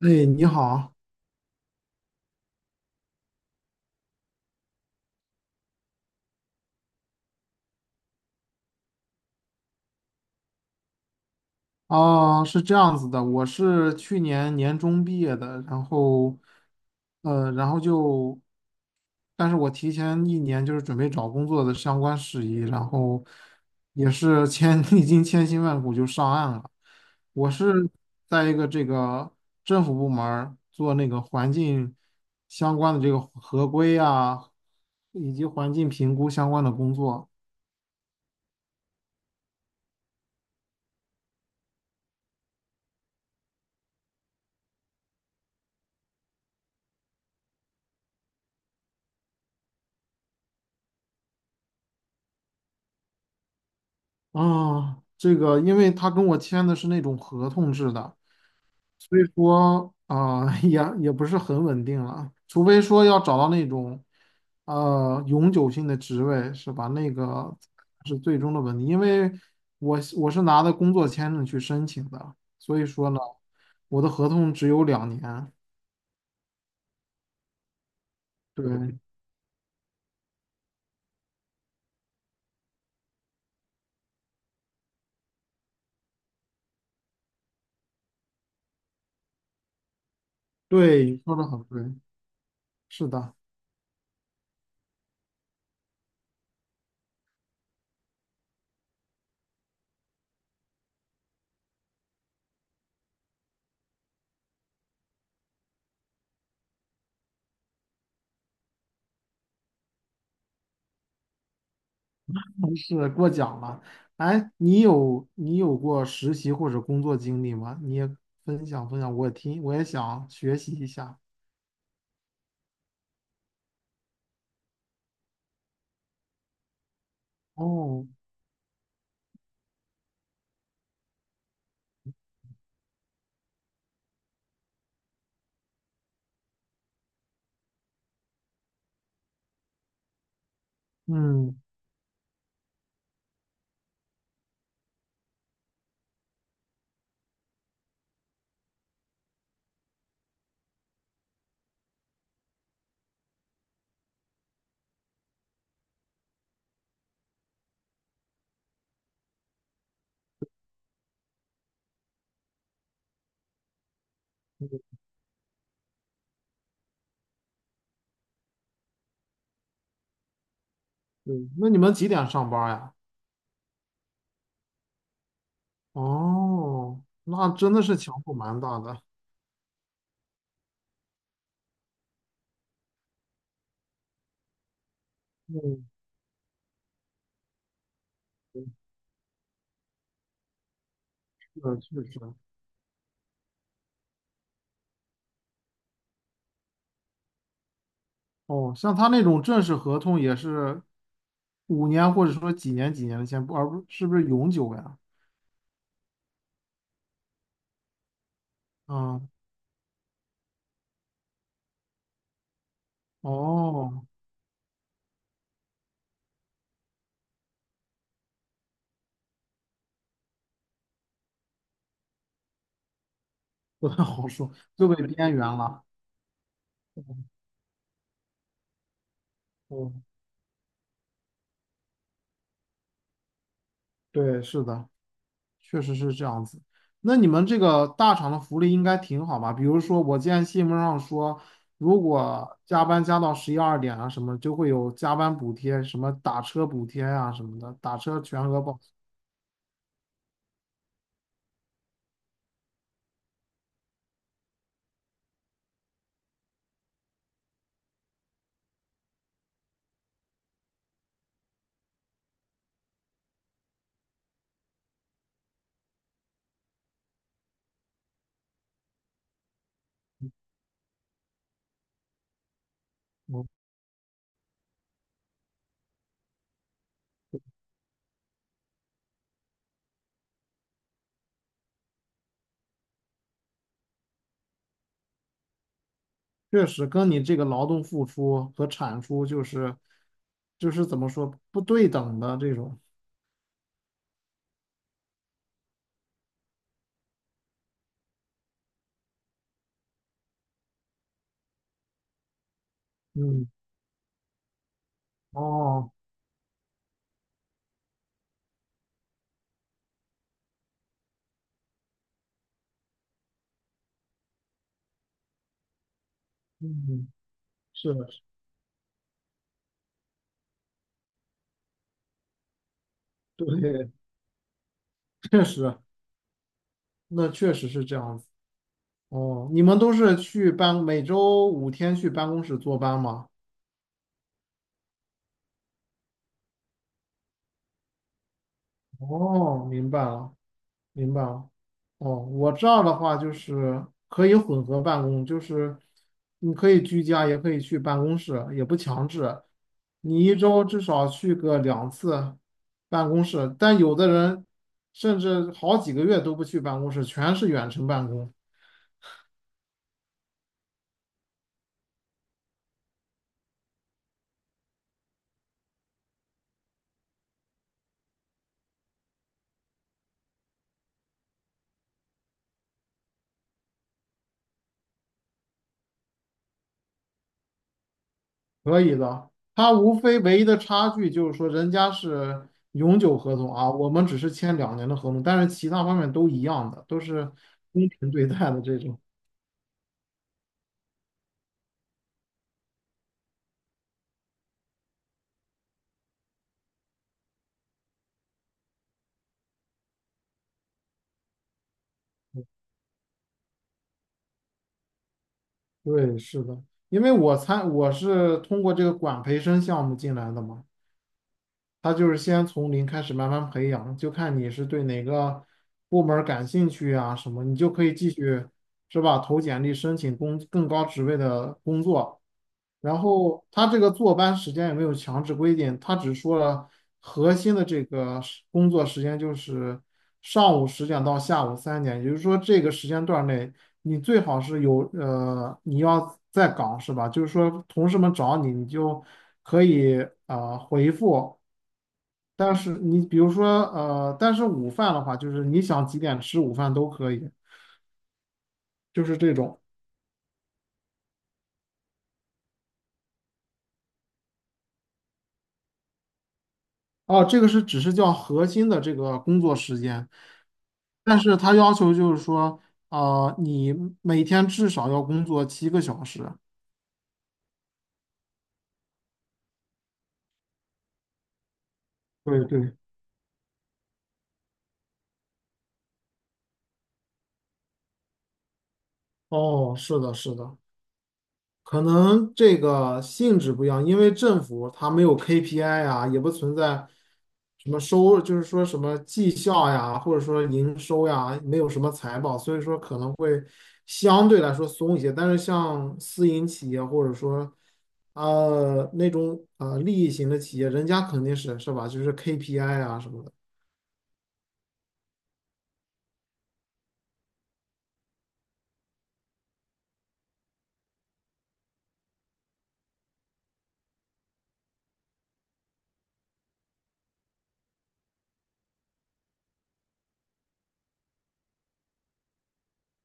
哎，你好。是这样子的，我是去年年中毕业的，然后，呃，然后就，但是我提前一年就是准备找工作的相关事宜，然后也是历经千辛万苦就上岸了。我是在一个这个政府部门儿做那个环境相关的这个合规啊，以及环境评估相关的工作。因为他跟我签的是那种合同制的，所以说啊，也不是很稳定了，除非说要找到那种永久性的职位，是吧？那个是最终的问题，因为我是拿的工作签证去申请的，所以说呢，我的合同只有两年。对，对，说的很对，是的。是过奖了。哎，你有过实习或者工作经历吗？你也分享分享，我也想学习一下。哦，嗯，对。对，那你们几点上班呀？哦，那真的是强度蛮大的。嗯，是确实。哦，像他那种正式合同也是五年或者说几年几年的签，不是永久呀？啊，哦，不太好说，就被边缘了。哦，对，是的。确实是这样子。那你们这个大厂的福利应该挺好吧？比如说，我见新闻上说，如果加班加到十一二点啊什么，就会有加班补贴，什么打车补贴啊什么的，打车全额报销。确实跟你这个劳动付出和产出就是怎么说不对等的这种。嗯，哦，嗯，是的，对，确实，那确实是这样子。哦，你们都是去办，每周五天去办公室坐班吗？哦，明白了，明白了。哦，我这儿的话就是可以混合办公，就是你可以居家，也可以去办公室，也不强制。你一周至少去个两次办公室，但有的人甚至好几个月都不去办公室，全是远程办公。可以的，它无非唯一的差距就是说，人家是永久合同啊，我们只是签两年的合同，但是其他方面都一样的，都是公平对待的这种。对，是的，因为我是通过这个管培生项目进来的嘛，他就是先从零开始慢慢培养，就看你是对哪个部门儿感兴趣啊什么，你就可以继续是吧，投简历申请工更高职位的工作。然后他这个坐班时间也没有强制规定，他只说了核心的这个工作时间就是上午十点到下午三点，也就是说这个时间段内你最好是有你要在岗是吧？就是说同事们找你，你就可以回复，但是你比如说但是午饭的话，就是你想几点吃午饭都可以，就是这种。哦，这个是只是叫核心的这个工作时间，但是他要求就是说，啊、你每天至少要工作七个小时。对，对，哦，是的，是的，可能这个性质不一样，因为政府它没有 KPI 啊，也不存在什么收，就是说什么绩效呀，或者说营收呀，没有什么财报，所以说可能会相对来说松一些。但是像私营企业或者说那种利益型的企业，人家肯定是是吧，就是 KPI 啊什么的。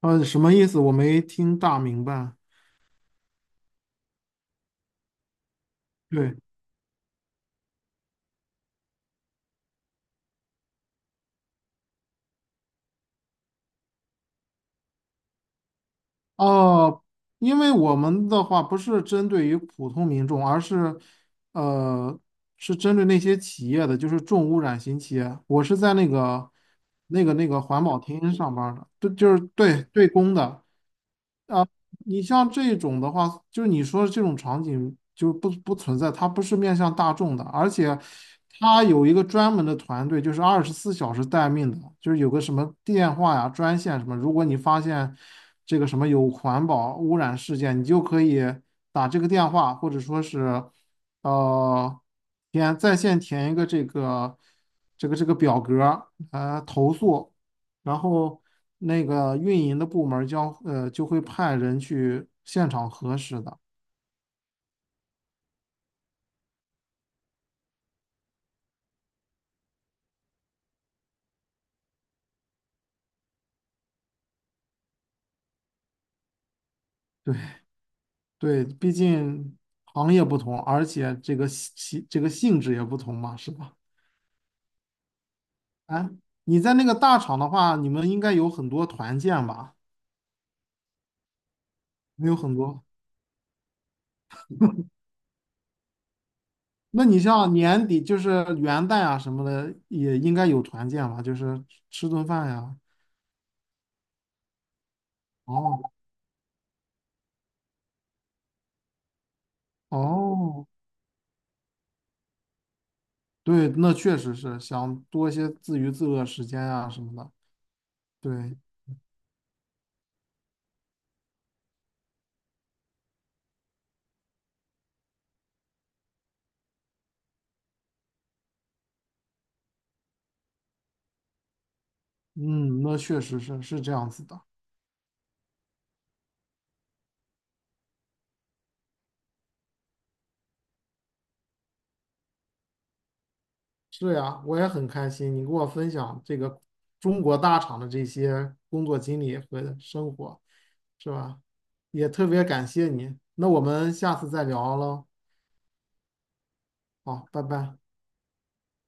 呃，什么意思？我没听大明白。对，哦，因为我们的话不是针对于普通民众，而是，呃，是针对那些企业的，就是重污染型企业。我是在那个环保厅上班儿的，对，就是对对公的。你像这种的话，就是你说的这种场景就不存在，它不是面向大众的，而且它有一个专门的团队，就是二十四小时待命的，就是有个什么电话呀、专线什么，如果你发现这个什么有环保污染事件，你就可以打这个电话，或者说是呃填在线填一个这个这个表格投诉。然后那个运营的部门儿将就会派人去现场核实的。对，对，毕竟行业不同，而且这个性质也不同嘛，是吧？哎，你在那个大厂的话，你们应该有很多团建吧？没有很多。那你像年底就是元旦啊什么的，也应该有团建吧？就是吃顿饭呀。哦，哦，对，那确实是想多一些自娱自乐时间啊什么的。对，嗯，那确实是是这样子的。是呀，我也很开心你给我分享这个中国大厂的这些工作经历和生活，是吧？也特别感谢你。那我们下次再聊喽。好，拜拜。